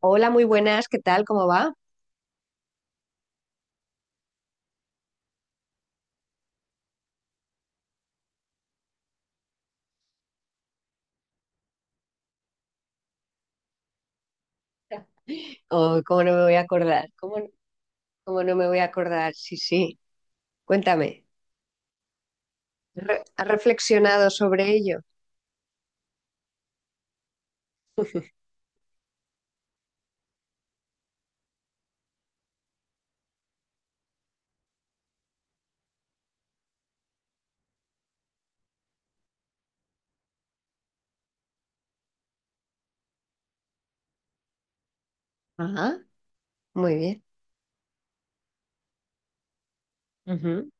Hola, muy buenas, ¿qué tal? ¿Cómo va? Oh, ¿cómo no me voy a acordar? ¿Cómo no me voy a acordar? Sí, sí, cuéntame. ¿Has reflexionado sobre ello? Ajá, muy bien. Ujú.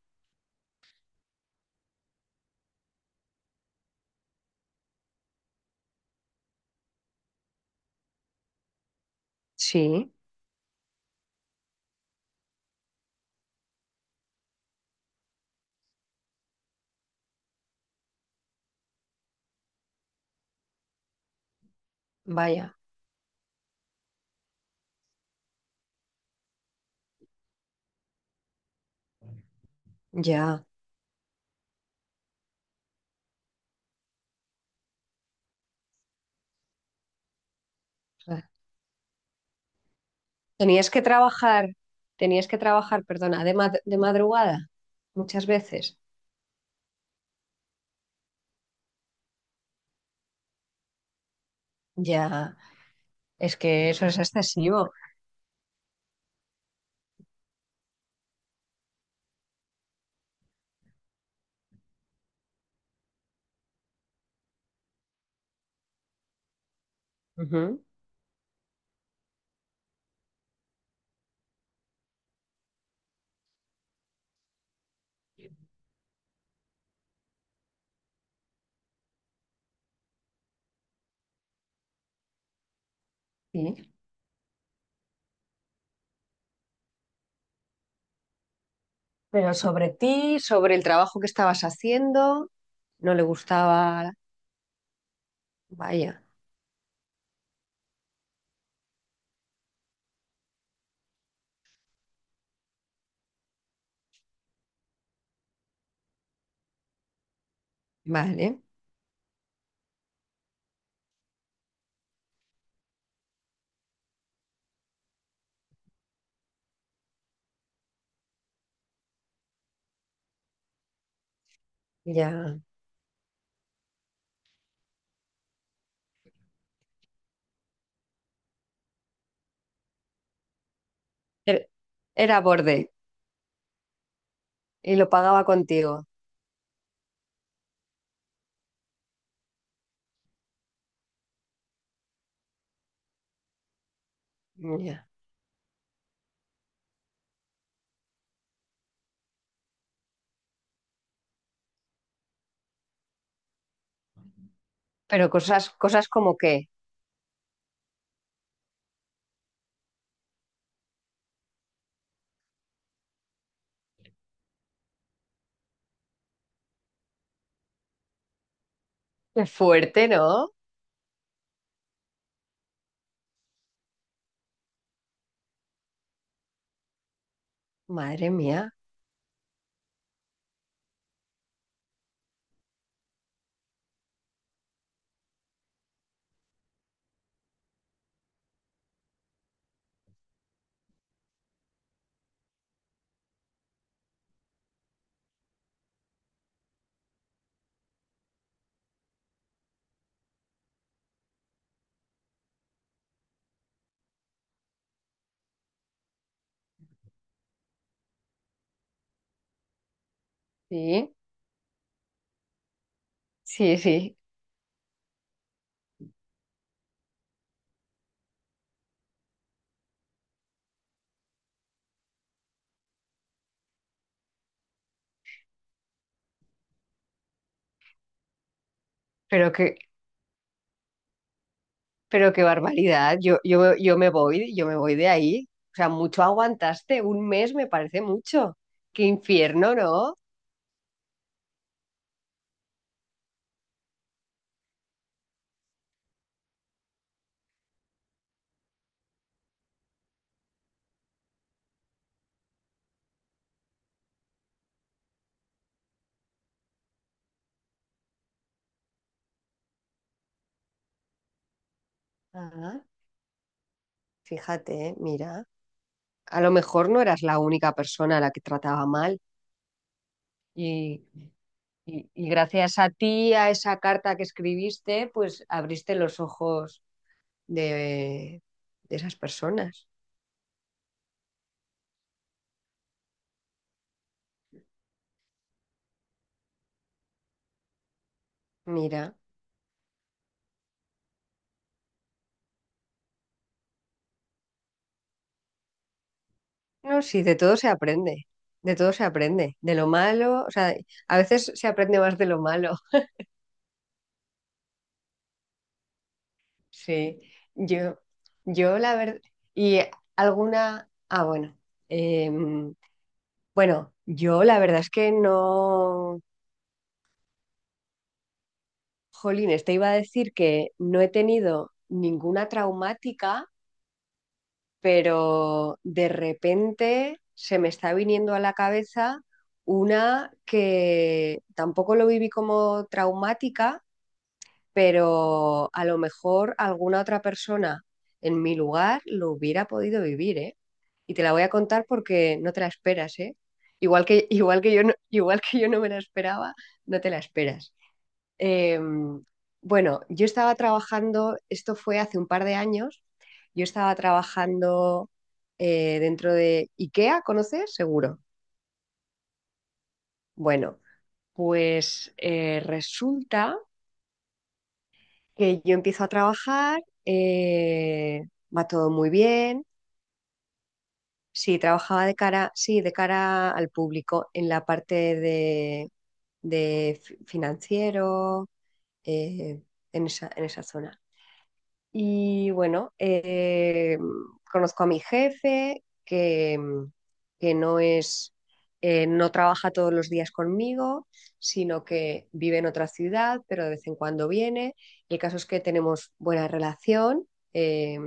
Sí, vaya, ya. Tenías que trabajar, tenías que trabajar, perdona, de madrugada muchas veces. Ya, es que eso es excesivo. Ujú. Sí. Pero sobre ti, sobre el trabajo que estabas haciendo, no le gustaba. Vaya, vale. Ya. Er- Era borde y lo pagaba contigo. Ya. Pero cosas, cosas como que, qué fuerte, ¿no? Madre mía. Sí, sí, sí. Pero qué, pero qué barbaridad. Yo me voy, yo me voy de ahí. O sea, mucho aguantaste. Un mes me parece mucho. Qué infierno, ¿no? Ah, fíjate, mira. A lo mejor no eras la única persona a la que trataba mal. Y, y gracias a ti, a esa carta que escribiste, pues abriste los ojos de, de esas personas. Mira, no, sí, de todo se aprende, de todo se aprende, de lo malo, o sea, a veces se aprende más de lo malo. Sí, yo, yo la verdad, y alguna, ah, bueno, em, bueno, yo la verdad es que no. Jolín, te iba a decir que no he tenido ninguna traumática, pero de repente se me está viniendo a la cabeza una que tampoco lo viví como traumática, pero a lo mejor alguna otra persona en mi lugar lo hubiera podido vivir, ¿eh? Y te la voy a contar porque no te la esperas, ¿eh? Igual que, igual que yo no, igual que yo no me la esperaba, no te la esperas. Eh, bueno, yo estaba trabajando, esto fue hace un par de años, yo estaba trabajando dentro de IKEA, ¿conoces? Seguro. Bueno, pues resulta que yo empiezo a trabajar, va todo muy bien. Sí, trabajaba de cara, sí, de cara al público en la parte de, financiero, eh, en esa zona. Y bueno, conozco a mi jefe, que, que no es, no trabaja todos los días conmigo, sino que vive en otra ciudad, pero de vez en cuando viene. El caso es que tenemos buena relación, eh,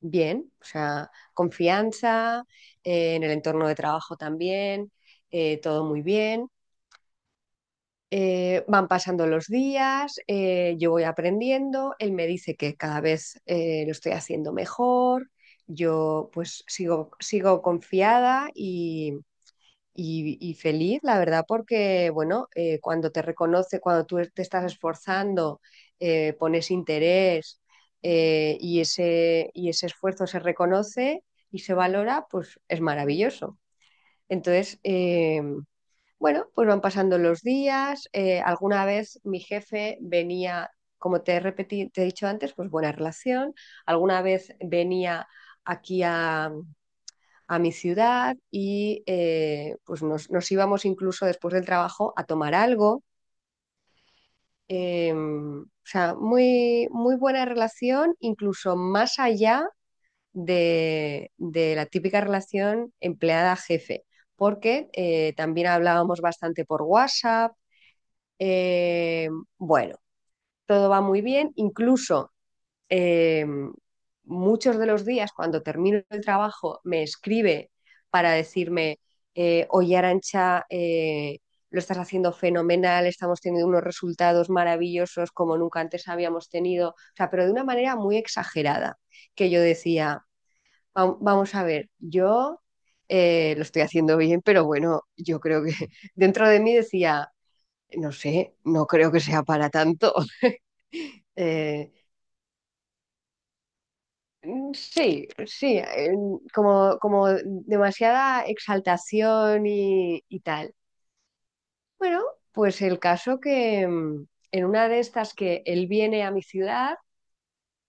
bien, o sea, confianza, en el entorno de trabajo también, todo muy bien. Van pasando los días, yo voy aprendiendo, él me dice que cada vez lo estoy haciendo mejor, yo pues sigo, sigo confiada y feliz, la verdad, porque bueno, cuando te reconoce, cuando tú te estás esforzando, pones interés y ese esfuerzo se reconoce y se valora, pues es maravilloso. Entonces, bueno, pues van pasando los días. Alguna vez mi jefe venía, como te he te he dicho antes, pues buena relación. Alguna vez venía aquí a mi ciudad y pues nos, nos íbamos incluso después del trabajo a tomar algo. O sea, muy, muy buena relación, incluso más allá de la típica relación empleada-jefe, porque también hablábamos bastante por WhatsApp. Eh, bueno, todo va muy bien, incluso eh, muchos de los días cuando termino el trabajo me escribe para decirme, oye Arancha, lo estás haciendo fenomenal, estamos teniendo unos resultados maravillosos como nunca antes habíamos tenido, o sea, pero de una manera muy exagerada, que yo decía, Vamos a ver, yo lo estoy haciendo bien, pero bueno, yo creo que dentro de mí decía, no sé, no creo que sea para tanto." Eh, sí, sí, como, como demasiada exaltación y tal. Bueno, pues el caso que en una de estas que él viene a mi ciudad,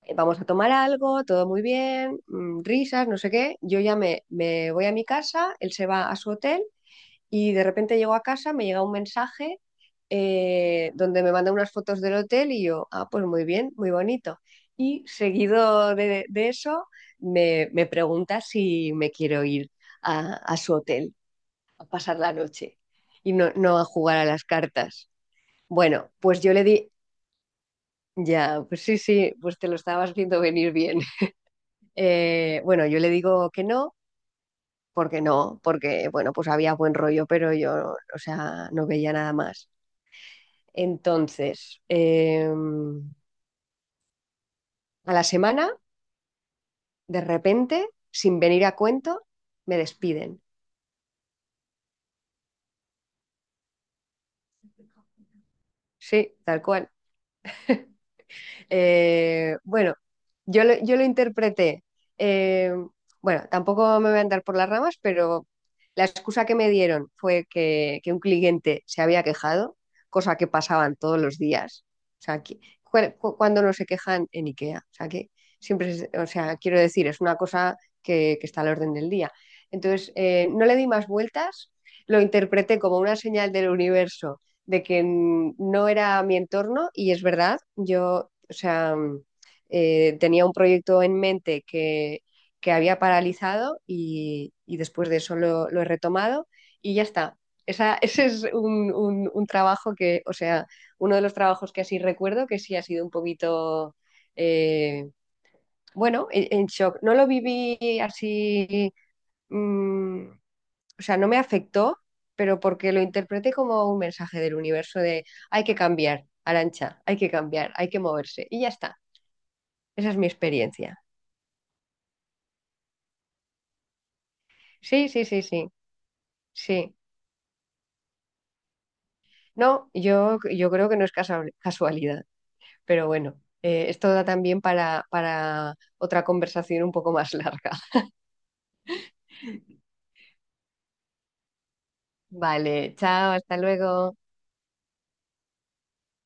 vamos a tomar algo, todo muy bien, risas, no sé qué, yo ya me voy a mi casa, él se va a su hotel. Y de repente llego a casa, me llega un mensaje donde me manda unas fotos del hotel y yo, ah, pues muy bien, muy bonito. Y seguido de eso, me pregunta si me quiero ir a su hotel a pasar la noche y no, no a jugar a las cartas. Bueno, pues yo le di, ya, pues sí, sí, pues te lo estabas viendo venir bien. Bueno, yo le digo que no, porque no, porque, bueno, pues había buen rollo, pero yo, o sea, no veía nada más. Entonces, a la semana, de repente, sin venir a cuento, me despiden. Sí, tal cual. Bueno, yo lo interpreté. eh, bueno, tampoco me voy a andar por las ramas, pero la excusa que me dieron fue que un cliente se había quejado, cosa que pasaban todos los días. O sea, cuando no se quejan en IKEA. O sea, que siempre, o sea, quiero decir, es una cosa que está al orden del día. Entonces, no le di más vueltas, lo interpreté como una señal del universo de que no era mi entorno y es verdad, yo o sea, tenía un proyecto en mente que había paralizado y después de eso lo he retomado y ya está. Esa, ese es un, un trabajo que, o sea, uno de los trabajos que así recuerdo que sí ha sido un poquito, eh, bueno, en shock. No lo viví así, mm, o sea, no me afectó, pero porque lo interpreté como un mensaje del universo de hay que cambiar, Arancha, hay que cambiar, hay que moverse y ya está. Esa es mi experiencia. Sí, sí, sí, sí, sí. No, yo creo que no es casualidad, pero bueno, esto da también para otra conversación un poco más larga. Vale, chao, hasta luego.